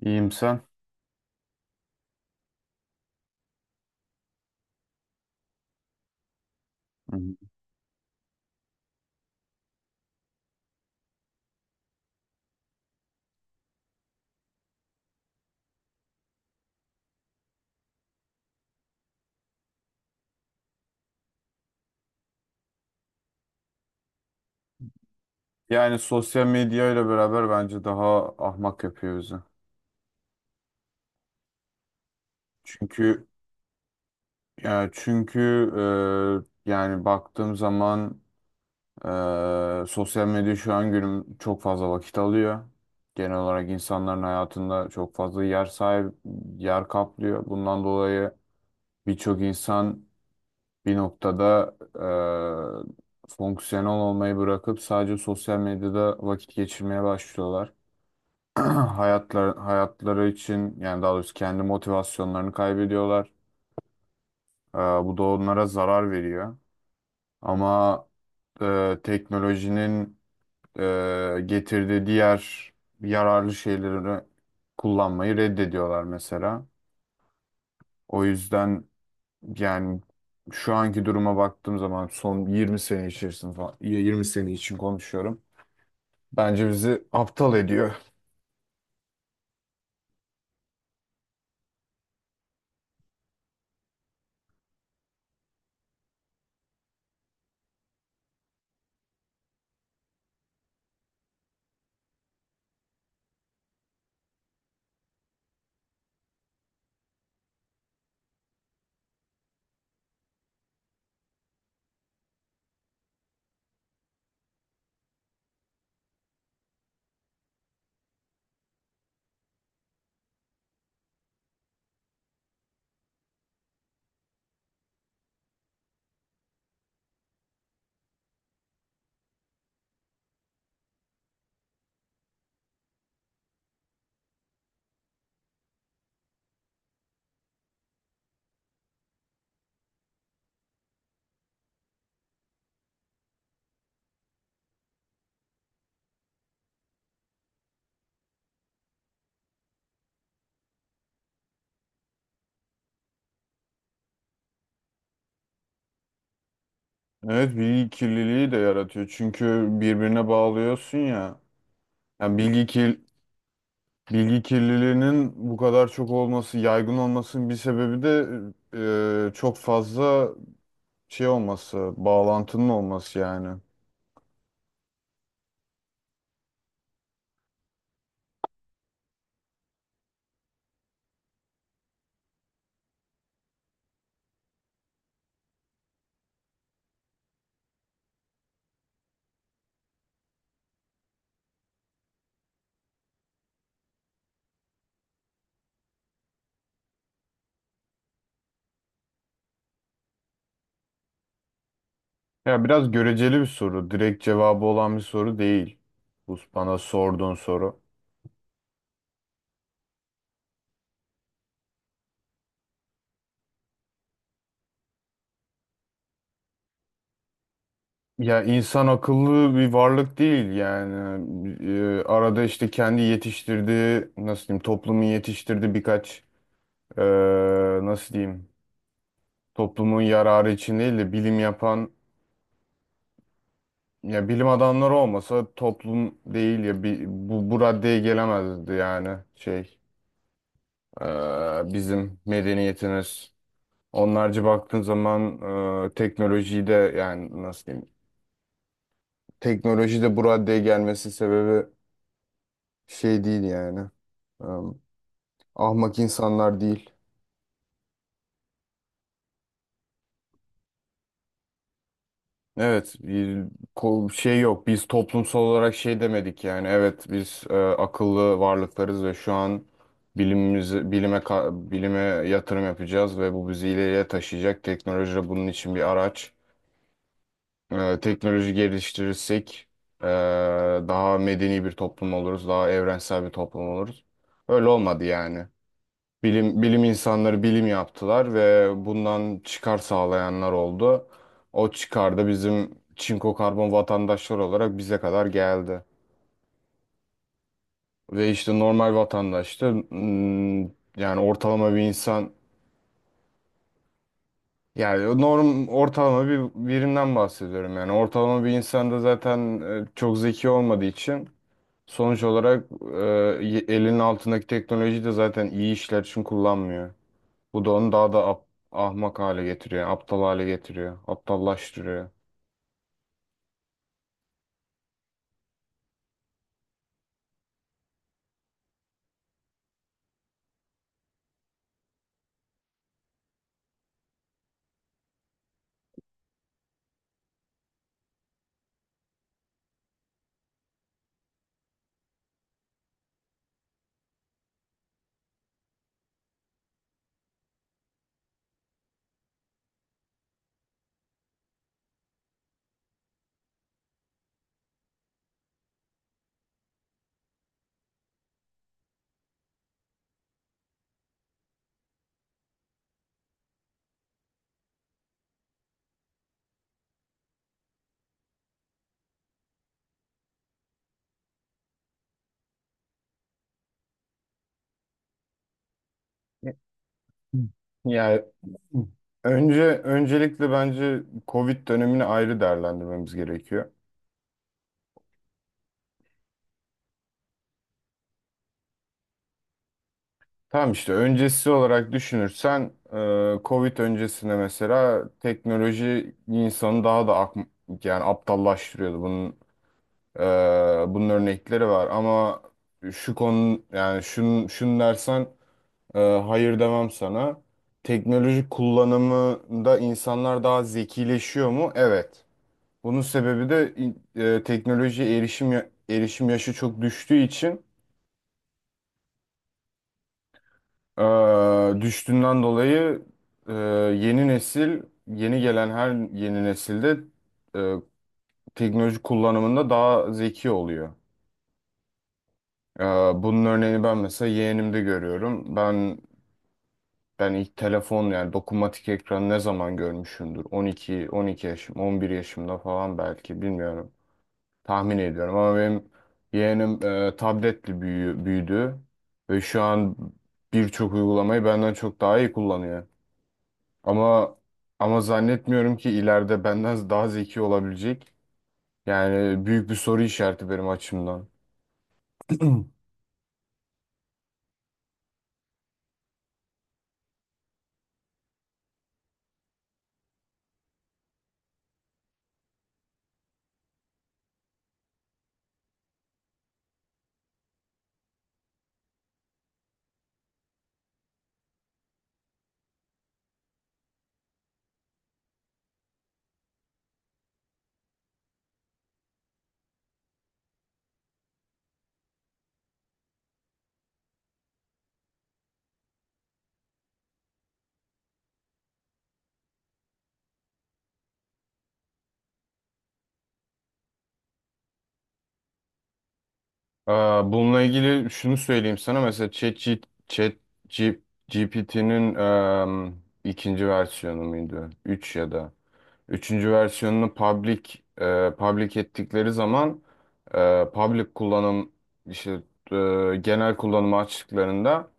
İyiyim sen. Hı. Yani sosyal medya ile beraber bence daha ahmak yapıyor bizi. Çünkü yani yani baktığım zaman, sosyal medya şu an günüm çok fazla vakit alıyor. Genel olarak insanların hayatında çok fazla yer kaplıyor. Bundan dolayı birçok insan bir noktada fonksiyonel olmayı bırakıp sadece sosyal medyada vakit geçirmeye başlıyorlar. Hayatları için, yani daha doğrusu, kendi motivasyonlarını kaybediyorlar. Bu da onlara zarar veriyor. Ama teknolojinin getirdiği diğer yararlı şeyleri kullanmayı reddediyorlar mesela. O yüzden, yani, şu anki duruma baktığım zaman son 20 sene içerisinde falan, 20 sene için konuşuyorum. Bence bizi aptal ediyor. Evet, bilgi kirliliği de yaratıyor. Çünkü birbirine bağlıyorsun ya. Yani bilgi kirliliğinin bu kadar çok olması, yaygın olmasının bir sebebi de çok fazla şey olması, bağlantının olması yani. Ya, biraz göreceli bir soru, direkt cevabı olan bir soru değil. Bu bana sorduğun soru. Ya, insan akıllı bir varlık değil yani. Arada işte kendi yetiştirdiği, nasıl diyeyim, toplumun yetiştirdiği birkaç nasıl diyeyim, toplumun yararı için değil de bilim yapan, ya bilim adamları olmasa toplum değil, ya bu raddeye gelemezdi, yani şey, bizim medeniyetimiz. Onlarca baktığın zaman teknolojiyi de, yani nasıl diyeyim, teknoloji de bu raddeye gelmesi sebebi şey değil yani. Eee, Ahmak insanlar değil. Evet, bir şey yok. Biz toplumsal olarak şey demedik yani. Evet, biz akıllı varlıklarız ve şu an bilime yatırım yapacağız ve bu bizi ileriye taşıyacak. Teknoloji de bunun için bir araç. Teknoloji geliştirirsek e, daha medeni bir toplum oluruz, daha evrensel bir toplum oluruz. Öyle olmadı yani. Bilim insanları bilim yaptılar ve bundan çıkar sağlayanlar oldu. O çıkar da bizim çinko karbon vatandaşlar olarak bize kadar geldi. Ve işte normal vatandaş da, yani ortalama bir insan, yani ortalama bir birinden bahsediyorum, yani ortalama bir insan da zaten çok zeki olmadığı için sonuç olarak elinin altındaki teknolojiyi de zaten iyi işler için kullanmıyor. Bu da onu daha da ahmak hale getiriyor, aptal hale getiriyor, aptallaştırıyor. Yani, öncelikle bence Covid dönemini ayrı değerlendirmemiz gerekiyor. Tamam, işte öncesi olarak düşünürsen Covid öncesine mesela teknoloji insanı daha da yani aptallaştırıyordu. E, bunun örnekleri var ama şu konu, yani şunu dersen, hayır demem sana. Teknoloji kullanımında insanlar daha zekileşiyor mu? Evet. Bunun sebebi de teknolojiye erişim, erişim yaşı çok düştüğü için, düştüğünden dolayı e, yeni yeni gelen her yeni nesilde e, teknoloji kullanımında daha zeki oluyor. E, Bunun örneğini ben mesela yeğenimde görüyorum. Ben ilk telefon, yani dokunmatik ekranı ne zaman görmüşümdür? 12, 12 yaşım, 11 yaşımda falan, belki bilmiyorum. Tahmin ediyorum ama benim yeğenim tabletle büyüdü ve şu an birçok uygulamayı benden çok daha iyi kullanıyor. Ama ama zannetmiyorum ki ileride benden daha zeki olabilecek. Yani büyük bir soru işareti benim açımdan. Bununla ilgili şunu söyleyeyim sana: mesela GPT'nin ikinci versiyonu muydu, 3 ya da üçüncü versiyonunu public, public ettikleri zaman, public kullanım, işte genel kullanımı açtıklarında,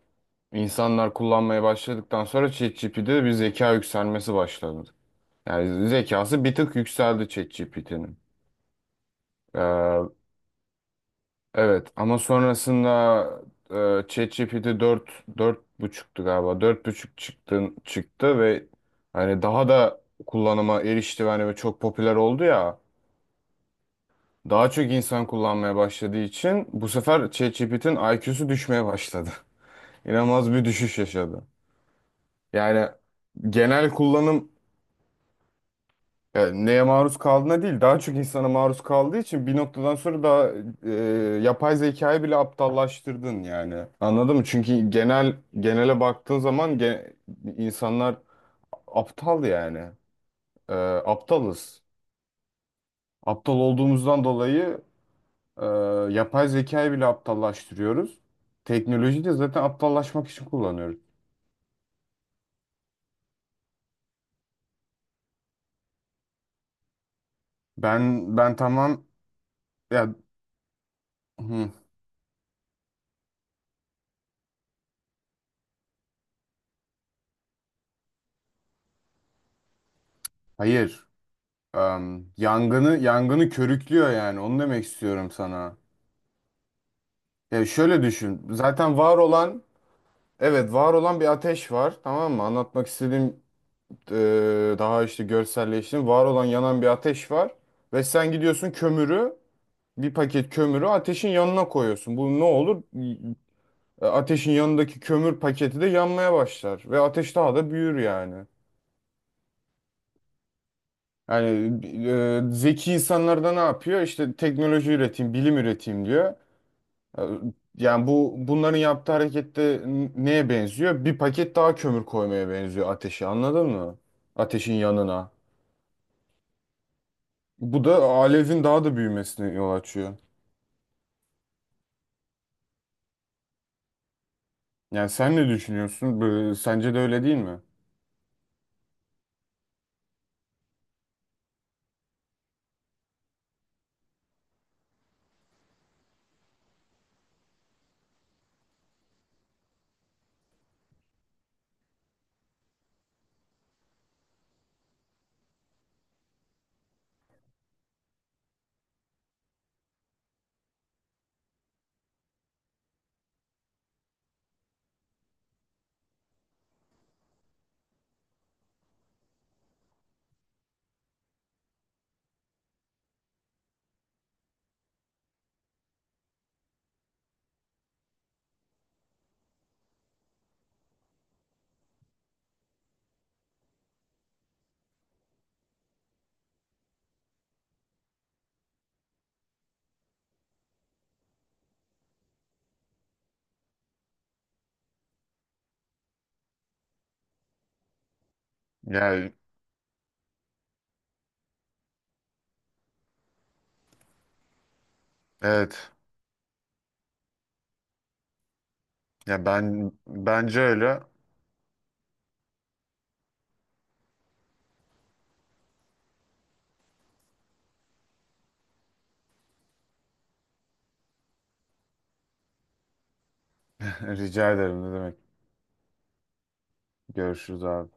insanlar kullanmaya başladıktan sonra ChatGPT'de bir zeka yükselmesi başladı. Yani zekası bir tık yükseldi ChatGPT'nin. Evet, ama sonrasında ChatGPT dört buçuktu galiba. Dört buçuk çıktı ve hani daha da kullanıma erişti, ve hani çok popüler oldu ya. Daha çok insan kullanmaya başladığı için bu sefer ChatGPT'nin IQ'su düşmeye başladı. İnanılmaz bir düşüş yaşadı. Yani genel kullanım Yani neye maruz kaldığına değil, daha çok insana maruz kaldığı için bir noktadan sonra daha e, yapay zekayı bile aptallaştırdın yani. Anladın mı? Çünkü genele baktığın zaman insanlar aptal yani. E, Aptalız. Aptal olduğumuzdan dolayı e, yapay zekayı bile aptallaştırıyoruz. Teknolojiyi de zaten aptallaşmak için kullanıyoruz. Ben tamam ya, hı, hayır. Yangını körüklüyor yani. Onu demek istiyorum sana. Ya şöyle düşün. Evet, var olan bir ateş var. Tamam mı? Anlatmak istediğim, e, daha işte görselleştirdim, var olan yanan bir ateş var. Ve sen gidiyorsun bir paket kömürü ateşin yanına koyuyorsun. Bu ne olur? Ateşin yanındaki kömür paketi de yanmaya başlar. Ve ateş daha da büyür yani. Yani zeki insanlar da ne yapıyor? İşte teknoloji üreteyim, bilim üreteyim diyor. Yani bunların yaptığı harekette neye benziyor? Bir paket daha kömür koymaya benziyor ateşi, anladın mı? Ateşin yanına. Bu da alevin daha da büyümesine yol açıyor. Yani sen ne düşünüyorsun? Sence de öyle değil mi? Yani evet. Ya, ben bence öyle. Rica ederim, ne demek. Görüşürüz abi.